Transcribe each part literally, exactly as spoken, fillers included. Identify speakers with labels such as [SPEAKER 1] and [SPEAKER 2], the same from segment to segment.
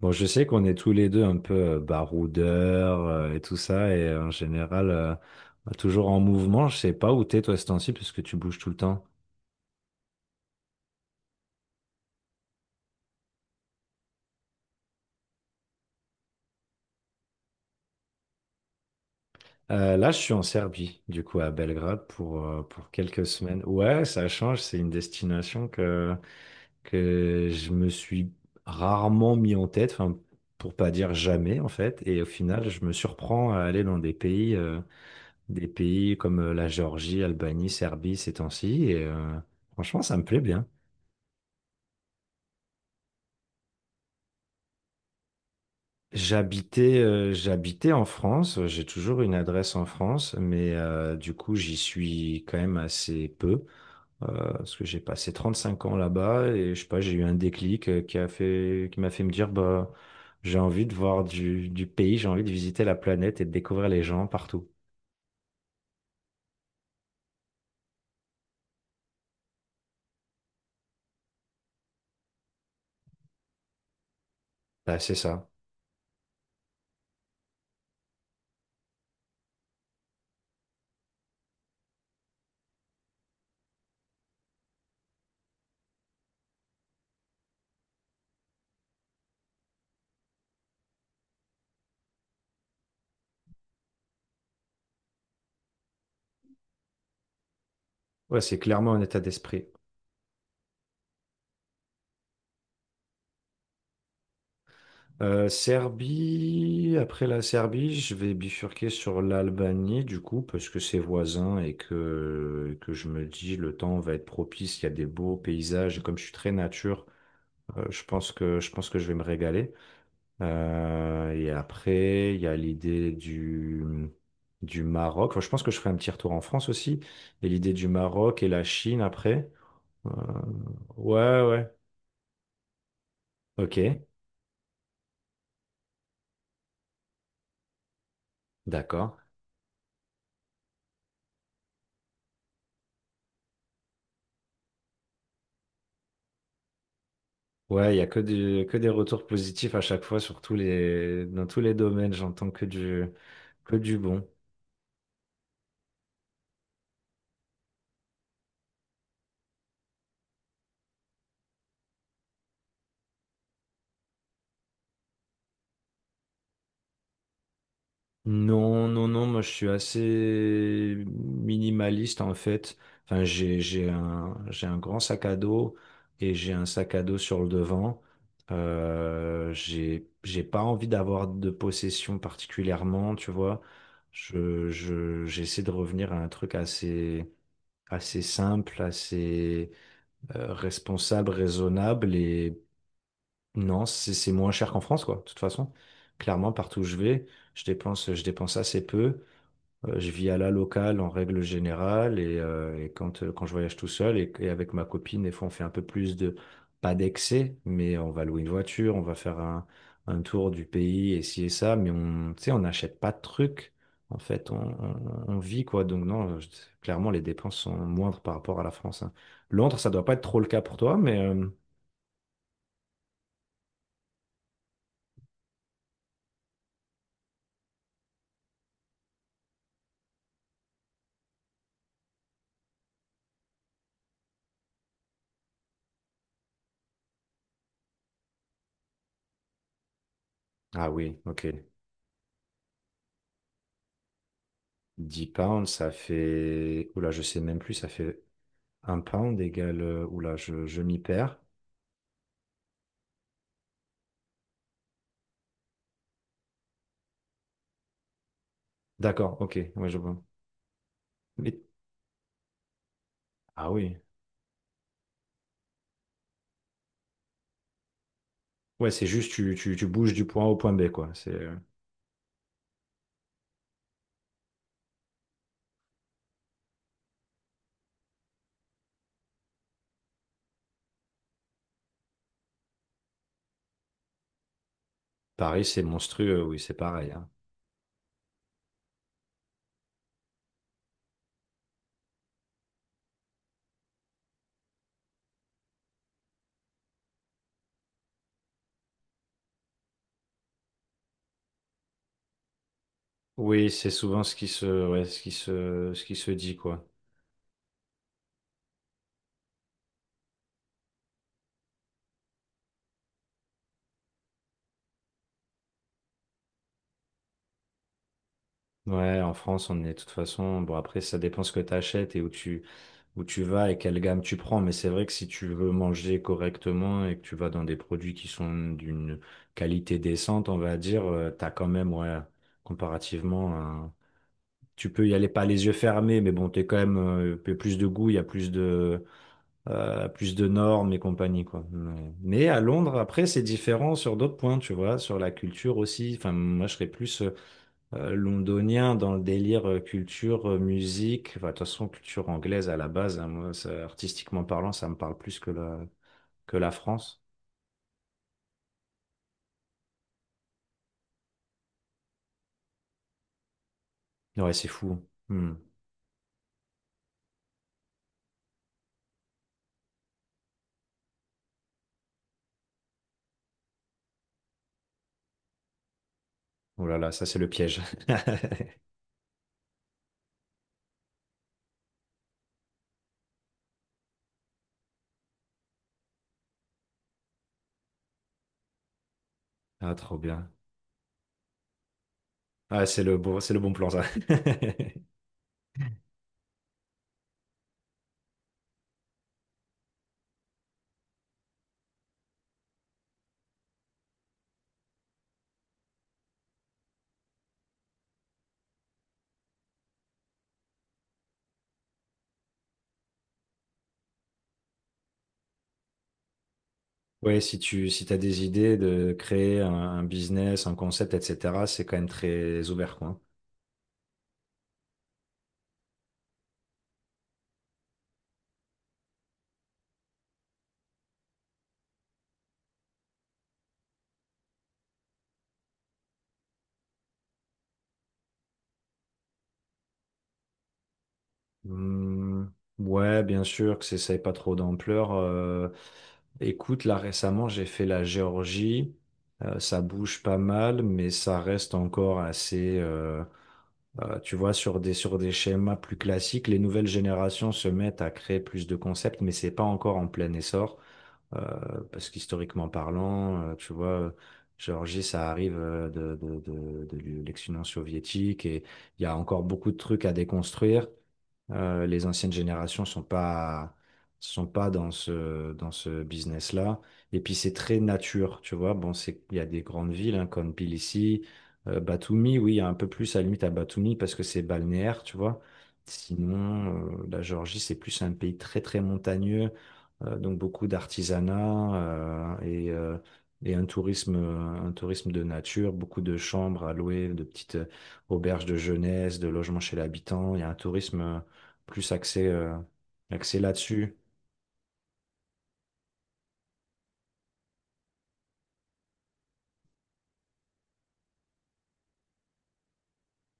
[SPEAKER 1] Bon, je sais qu'on est tous les deux un peu euh, baroudeurs euh, et tout ça, et euh, en général, euh, toujours en mouvement. Je sais pas où t'es, toi, ce temps-ci, puisque tu bouges tout le temps. Euh, là, je suis en Serbie, du coup, à Belgrade, pour, euh, pour quelques semaines. Ouais, ça change, c'est une destination que, que je me suis rarement mis en tête, enfin, pour pas dire jamais, en fait. Et au final, je me surprends à aller dans des pays, euh, des pays comme euh, la Géorgie, Albanie, Serbie, ces temps-ci, et euh, franchement, ça me plaît bien. J'habitais euh, j'habitais en France, j'ai toujours une adresse en France, mais euh, du coup j'y suis quand même assez peu, euh, parce que j'ai passé trente-cinq ans là-bas et je sais pas, j'ai eu un déclic euh, qui a fait, qui m'a fait me dire bah j'ai envie de voir du, du pays, j'ai envie de visiter la planète et de découvrir les gens partout. Bah, c'est ça. Ouais, c'est clairement un état d'esprit. Euh, Serbie, après la Serbie, je vais bifurquer sur l'Albanie du coup, parce que c'est voisin et que, que je me dis le temps va être propice, il y a des beaux paysages, et comme je suis très nature, euh, je pense que, je pense que je vais me régaler. Euh, et après, il y a l'idée du, du Maroc. Enfin, je pense que je ferai un petit retour en France aussi, et l'idée du Maroc et la Chine après. Euh, ouais, ouais, ok, d'accord. Ouais, il y a que du, que des retours positifs à chaque fois sur tous les, dans tous les domaines. J'entends que du, que du bon. Non, non, non, moi je suis assez minimaliste en fait. Enfin, j'ai, j'ai un, j'ai un grand sac à dos et j'ai un sac à dos sur le devant. Euh, j'ai, j'ai pas envie d'avoir de possession particulièrement, tu vois. Je, je, j'essaie de revenir à un truc assez, assez simple, assez, euh, responsable, raisonnable et non, c'est c'est moins cher qu'en France, quoi. De toute façon, clairement, partout où je vais, je dépense, je dépense assez peu. Euh, je vis à la locale en règle générale et, euh, et quand, euh, quand je voyage tout seul et, et avec ma copine, des fois on fait un peu plus de, pas d'excès, mais on va louer une voiture, on va faire un, un tour du pays et ci et ça, mais on, tu sais, on n'achète pas de trucs. En fait, on, on- on vit quoi. Donc non, je- clairement les dépenses sont moindres par rapport à la France, hein. Londres, ça doit pas être trop le cas pour toi, mais... euh, Ah oui, ok. Dix pounds, ça fait... Oula, je sais même plus, ça fait un pound égale... euh, Oula, je, je m'y perds. D'accord, ok, ouais, je vois. Mais- Ah oui. Ouais, c'est juste tu, tu, tu bouges du point A au point B, quoi. C'est euh, Paris, c'est monstrueux, oui, c'est pareil, hein. Oui, c'est souvent ce qui se, ouais, ce qui se, ce qui se dit, quoi. Ouais, en France, on est de toute façon. Bon, après, ça dépend ce que tu achètes et où tu, où tu vas et quelle gamme tu prends. Mais c'est vrai que si tu veux manger correctement et que tu vas dans des produits qui sont d'une qualité décente, on va dire, tu t'as quand même, ouais, comparativement tu peux y aller pas les yeux fermés, mais bon, t'es quand même euh, un peu plus de goût, il y a plus de euh, plus de normes et compagnie, quoi. Mais, mais à Londres, après, c'est différent sur d'autres points, tu vois, sur la culture aussi. Enfin, moi, je serais plus euh, londonien dans le délire euh, culture, euh, musique. Enfin, de toute façon, culture anglaise à la base, hein, moi, ça, artistiquement parlant, ça me parle plus que la que la France. Ouais, c'est fou. Hmm. Oh là là, ça c'est le piège. Ah, trop bien. Ah, c'est le bon, c'est le bon plan, ça. Ouais, si tu si t'as des idées de créer un, un business, un concept, et cetera, c'est quand même très ouvert, quoi. Hmm, ouais, bien sûr que c'est- ça n'ait pas trop d'ampleur. euh, écoute, là récemment, j'ai fait la Géorgie. euh, ça bouge pas mal, mais ça reste encore assez, euh, euh, tu vois, sur des sur des schémas plus classiques. Les nouvelles générations se mettent à créer plus de concepts, mais c'est pas encore en plein essor. Euh, parce qu'historiquement parlant, euh, tu vois, Géorgie, ça arrive euh, de, de, de, de l'ex-Union soviétique et il y a encore beaucoup de trucs à déconstruire. Euh, les anciennes générations sont pas sont pas dans ce dans ce business-là. Et puis c'est très nature, tu vois. Bon, c'est il y a des grandes villes, hein, comme Tbilissi, euh, Batumi. Oui, il y a un peu plus à la limite à Batumi parce que c'est balnéaire, tu vois. Sinon, euh, la Géorgie c'est plus un pays très très montagneux, euh, donc beaucoup d'artisanat euh, et euh, Et un tourisme, euh, un tourisme de nature, beaucoup de chambres à louer, de petites euh, auberges de jeunesse, de logements chez l'habitant. Il y a un tourisme plus axé, euh, axé là-dessus.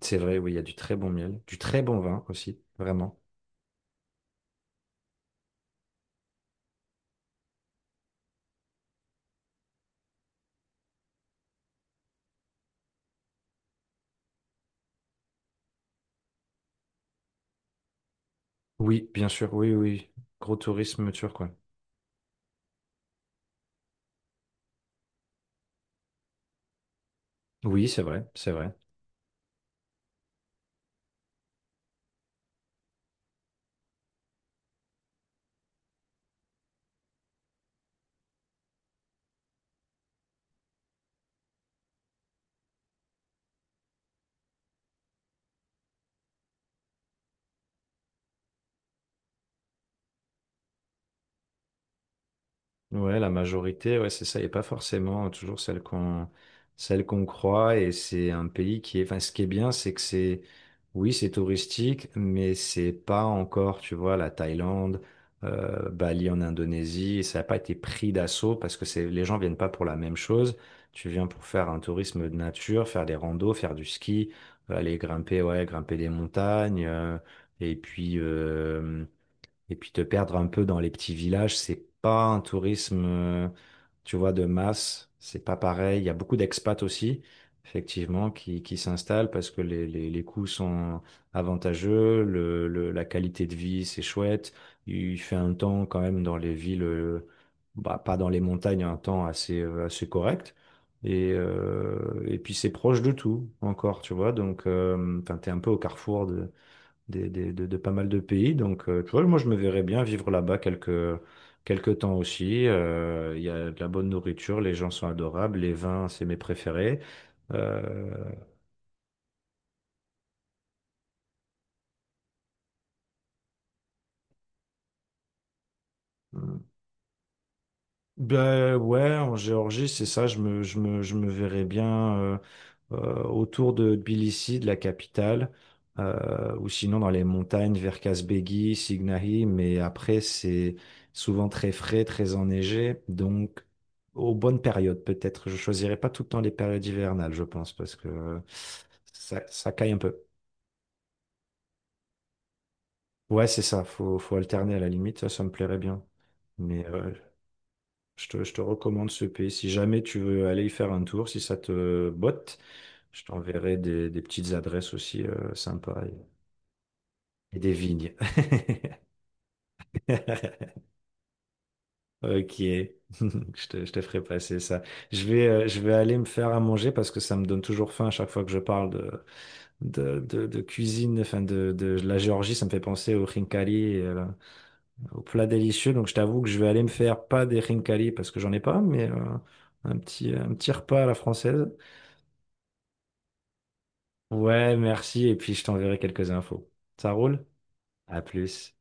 [SPEAKER 1] C'est vrai, oui, il y a du très bon miel, du très bon vin aussi, vraiment. Oui, bien sûr, oui, oui. oui. Gros tourisme turc, quoi. Oui, c'est vrai, c'est vrai. Ouais, la majorité, ouais, c'est ça, et pas forcément toujours celle qu'on celle qu'on croit. Et c'est un pays qui est. Enfin, ce qui est bien, c'est que c'est. Oui, c'est touristique, mais c'est pas encore, tu vois, la Thaïlande, euh, Bali en Indonésie. Ça n'a pas été pris d'assaut parce que c'est les gens viennent pas pour la même chose. Tu viens pour faire un tourisme de nature, faire des randos, faire du ski, aller grimper, ouais, grimper des montagnes. euh, et puis. euh, et puis te perdre un peu dans les petits villages, c'est pas un tourisme, euh, tu vois, de masse. C'est pas pareil. Il y a beaucoup d'expats aussi, effectivement, qui, qui s'installent parce que les, les, les coûts sont avantageux, le, le- la qualité de vie, c'est chouette. Il fait un temps quand même dans les villes, euh, bah, pas dans les montagnes, un temps assez, euh, assez correct. Et, euh, et puis c'est proche de tout encore, tu vois. Donc, euh, enfin, t'es un peu au carrefour des, des- de, de pas mal de pays. Donc, euh, tu vois, moi, je me verrais bien vivre là-bas quelques, quelques temps aussi. Euh, Il y a de la bonne nourriture, les gens sont adorables, les vins, c'est mes préférés. Euh, Ben ouais, en Géorgie, c'est ça, je me, je me, je me verrais bien euh, euh, autour de Tbilissi, de la capitale, euh, ou sinon dans les montagnes vers Kazbegi, Signahi, mais après c'est souvent très frais, très enneigé, donc aux bonnes périodes peut-être. Je choisirais pas tout le temps les périodes hivernales, je pense, parce que euh, ça, ça caille un peu. Ouais, c'est ça, faut, faut alterner à la limite, ça, ça me plairait bien. Mais euh, Je te, je te recommande ce pays. Si jamais tu veux aller y faire un tour, si ça te botte, je t'enverrai des, des petites adresses aussi euh, sympas et, et des vignes. Ok, je te, je te ferai passer ça. Je vais, euh, je vais aller me faire à manger parce que ça me donne toujours faim à chaque fois que je parle de, de, de, de cuisine, enfin de, de la Géorgie. Ça me fait penser aux khinkali, et euh, aux plats délicieux. Donc je t'avoue que je vais aller me faire pas des khinkali parce que j'en ai pas, mais euh, un petit, un petit repas à la française. Ouais, merci. Et puis, je t'enverrai quelques infos. Ça roule? À plus.